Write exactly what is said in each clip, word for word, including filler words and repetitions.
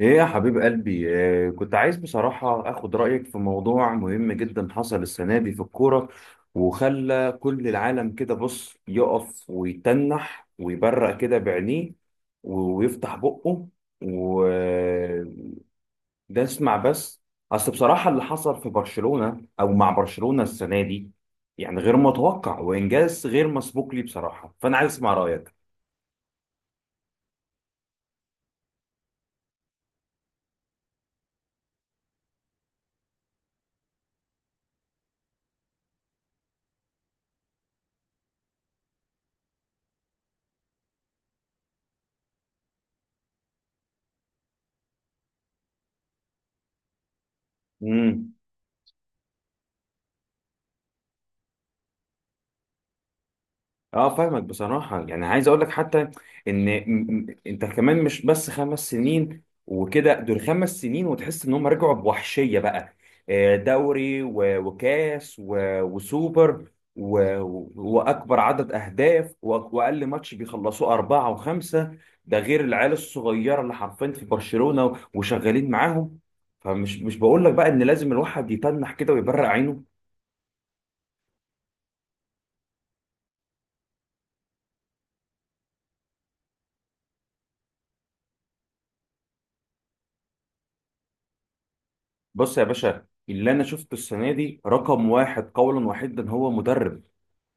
ايه يا حبيب قلبي؟ آه، كنت عايز بصراحة اخد رأيك في موضوع مهم جدا حصل السنة دي في الكورة. وخلى كل العالم كده بص يقف ويتنح ويبرق كده بعينيه و- ويفتح بقه. وده اسمع بس. اصل بصراحة اللي حصل في برشلونة او مع برشلونة السنة دي يعني غير متوقع وانجاز غير مسبوق لي بصراحة، فانا عايز اسمع رأيك. اه، فاهمك بصراحة، يعني عايز اقول لك حتى ان م- م- انت كمان مش بس خمس سنين وكده، دول خمس سنين وتحس ان هم رجعوا بوحشية بقى. آه، دوري و- وكاس و- وسوبر و- و- واكبر عدد اهداف و- واقل ماتش بيخلصوه اربعة وخمسة. ده غير العيال الصغيرة اللي حرفيا في برشلونة وشغالين معاهم. فمش مش بقول لك بقى ان لازم الواحد يتنح كده ويبرق عينه. بص يا باشا، اللي انا شفته السنه دي رقم واحد قولا واحدا هو مدرب.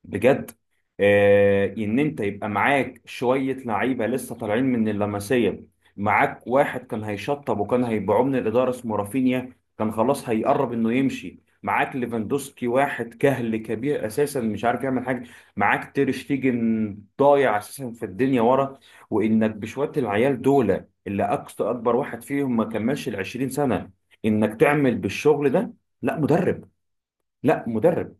بجد. آه ان انت يبقى معاك شويه لعيبه لسه طالعين من اللمسيه. معاك واحد كان هيشطب وكان هيبيعوه من الاداره اسمه رافينيا، كان خلاص هيقرب انه يمشي. معاك ليفاندوسكي واحد كهل كبير اساسا مش عارف يعمل حاجه. معاك تير شتيجن ضايع اساسا في الدنيا ورا. وانك بشويه العيال دول اللي اقصى اكبر واحد فيهم ما كملش ال عشرين سنه، انك تعمل بالشغل ده، لا مدرب، لا مدرب.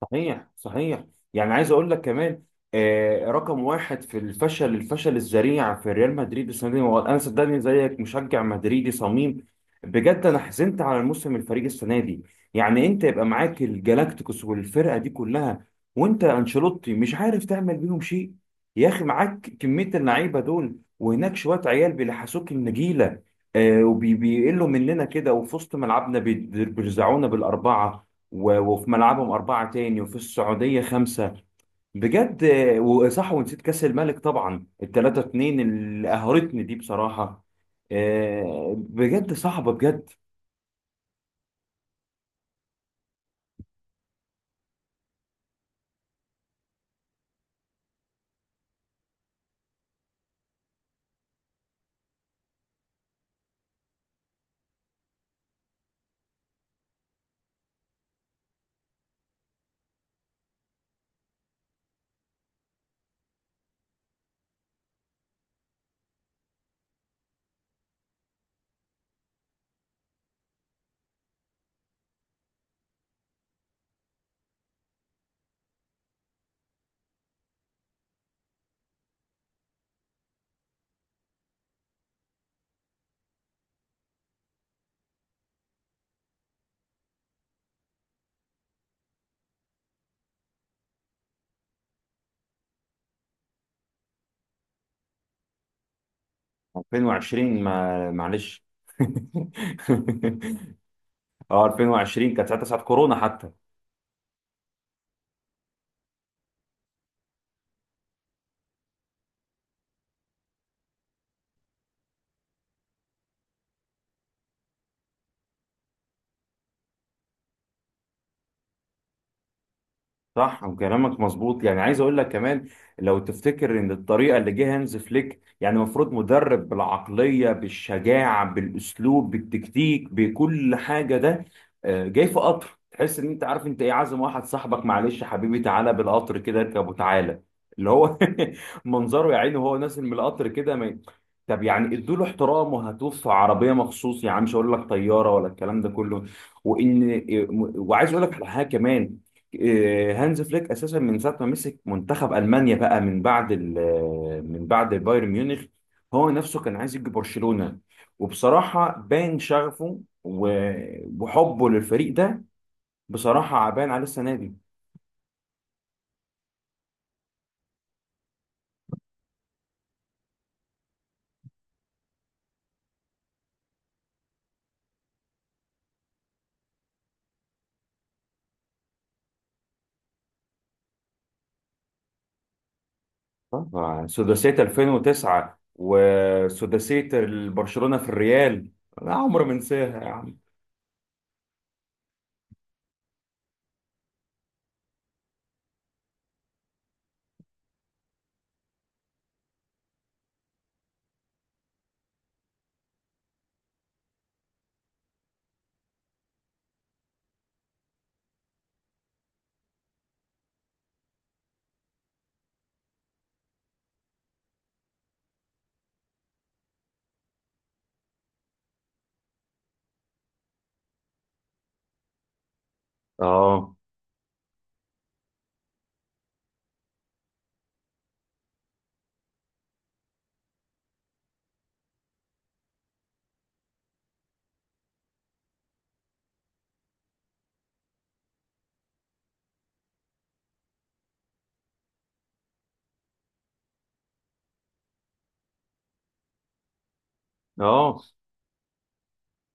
صحيح، صحيح. يعني عايز اقول لك كمان، آه رقم واحد في الفشل الفشل الذريع في ريال مدريد السنه دي هو، انا صدقني زيك مشجع مدريدي صميم. بجد انا حزنت على الموسم، الفريق السنه دي. يعني انت يبقى معاك الجالاكتيكوس والفرقه دي كلها، وانت انشيلوتي مش عارف تعمل بيهم شيء. يا اخي معاك كميه اللعيبه دول وهناك شويه عيال بيلحسوك النجيله، آه وبيقلوا مننا كده، وفي وسط ملعبنا بيد- بيرزعونا بالاربعه، و- وفي ملعبهم أربعة تاني، وفي السعودية خمسة. بجد، آه، وصح، ونسيت كأس الملك طبعا، التلاتة اتنين اللي قهرتني دي بصراحة. آه، بجد صعبة بجد. ألفين وعشرين، ما معلش. اه، ألفين وعشرين كانت ساعتها ساعة كورونا حتى. صح، وكلامك مظبوط، يعني عايز اقول لك كمان، لو تفتكر ان الطريقه اللي جه هانز فليك، يعني المفروض مدرب بالعقليه بالشجاعه بالاسلوب بالتكتيك بكل حاجه ده. آه، جاي في قطر، تحس ان انت عارف انت ايه، عازم واحد صاحبك، معلش حبيبي تعالى بالقطر كده، اركب وتعالى. اللي هو منظره يا عيني وهو نازل من القطر كده ما ي- طب يعني ادوا له احترام وهاتوه في عربيه مخصوص، يعني مش هقول لك طياره ولا الكلام ده كله. وان وعايز اقول لك على حاجه كمان. آه، هانز فليك اساسا من ساعه ما مسك منتخب المانيا بقى، من بعد ال آه، من بعد بايرن ميونخ، هو نفسه كان عايز يجي برشلونه. وبصراحه باين شغفه و- وحبه للفريق ده. بصراحه باين عليه السنه دي. طبعا سداسيه ألفين وتسعة وسداسيه برشلونه في الريال. لا عمر ما انساها يا عم. اه، اه.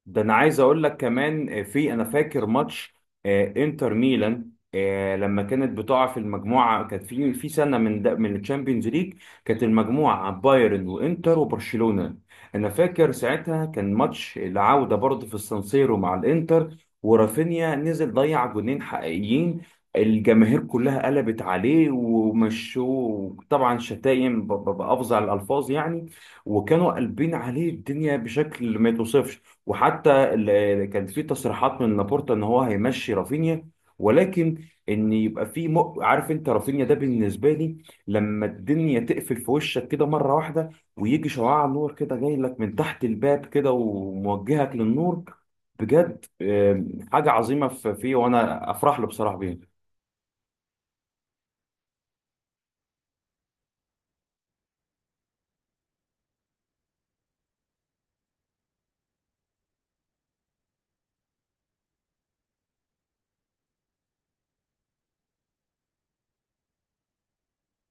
ده انا عايز اقول لك كمان، آه، في انا فاكر ماتش آه، انتر ميلان. آه، لما كانت بتقع في المجموعه، كانت في في سنه من ده من الشامبيونز ليج، كانت المجموعه بايرن وانتر وبرشلونه. انا فاكر ساعتها كان ماتش العوده برضه في السانسيرو مع الانتر، ورافينيا نزل ضيع جونين حقيقيين. الجماهير كلها قلبت عليه، ومشوه طبعا شتايم ب- ب- بافظع الالفاظ يعني، وكانوا قلبين عليه الدنيا بشكل ما يتوصفش. وحتى ال- كان في تصريحات من لابورتا ان هو هيمشي رافينيا، ولكن ان يبقى في م... عارف انت، رافينيا ده بالنسبه لي لما الدنيا تقفل في وشك كده مره واحده، ويجي شعاع نور كده جاي لك من تحت الباب كده وموجهك للنور، بجد آم، حاجه عظيمه في- فيه، وانا افرح له بصراحه بيه.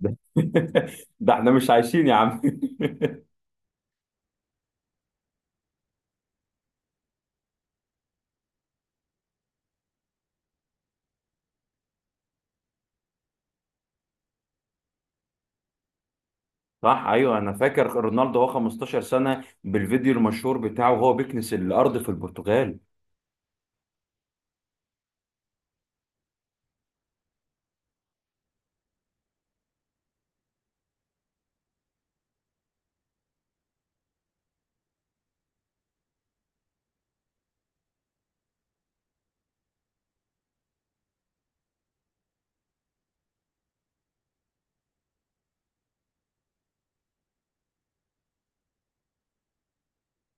ده ده احنا مش عايشين يا عم. صح، ايوه، انا فاكر رونالدو هو خمستاشر سنه بالفيديو المشهور بتاعه وهو بيكنس الارض في البرتغال.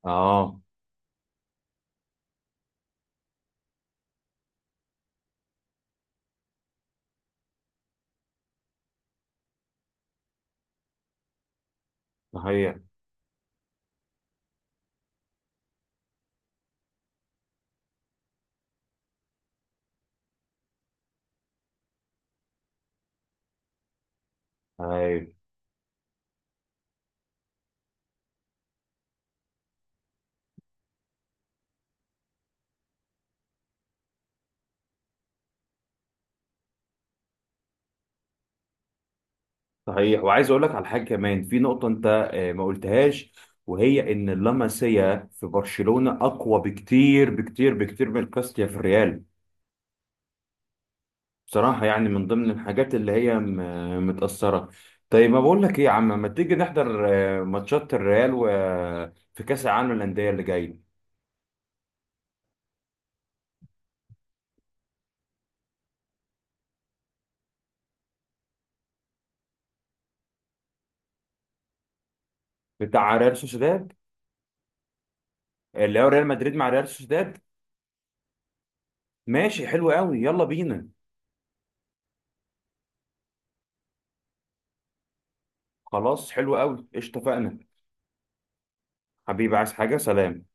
اه، صحيح. أيوة. صحيح، وعايز اقول لك على حاجه كمان، في نقطه انت آه، ما قلتهاش، وهي ان اللاماسيا في برشلونه اقوى بكتير بكتير بكتير من كاستيا في الريال. بصراحه يعني من ضمن الحاجات اللي هي م- متاثره. طيب، ما بقول لك ايه يا عم، ما تيجي نحضر آه، ماتشات الريال و... في كاس العالم للانديه اللي جاي، بتاع ريال سوسيداد، اللي هو ريال مدريد مع ريال سوسيداد. ماشي، حلو قوي يلا بينا. خلاص، حلو قوي، اتفقنا. حبيبي، عايز حاجه؟ سلام.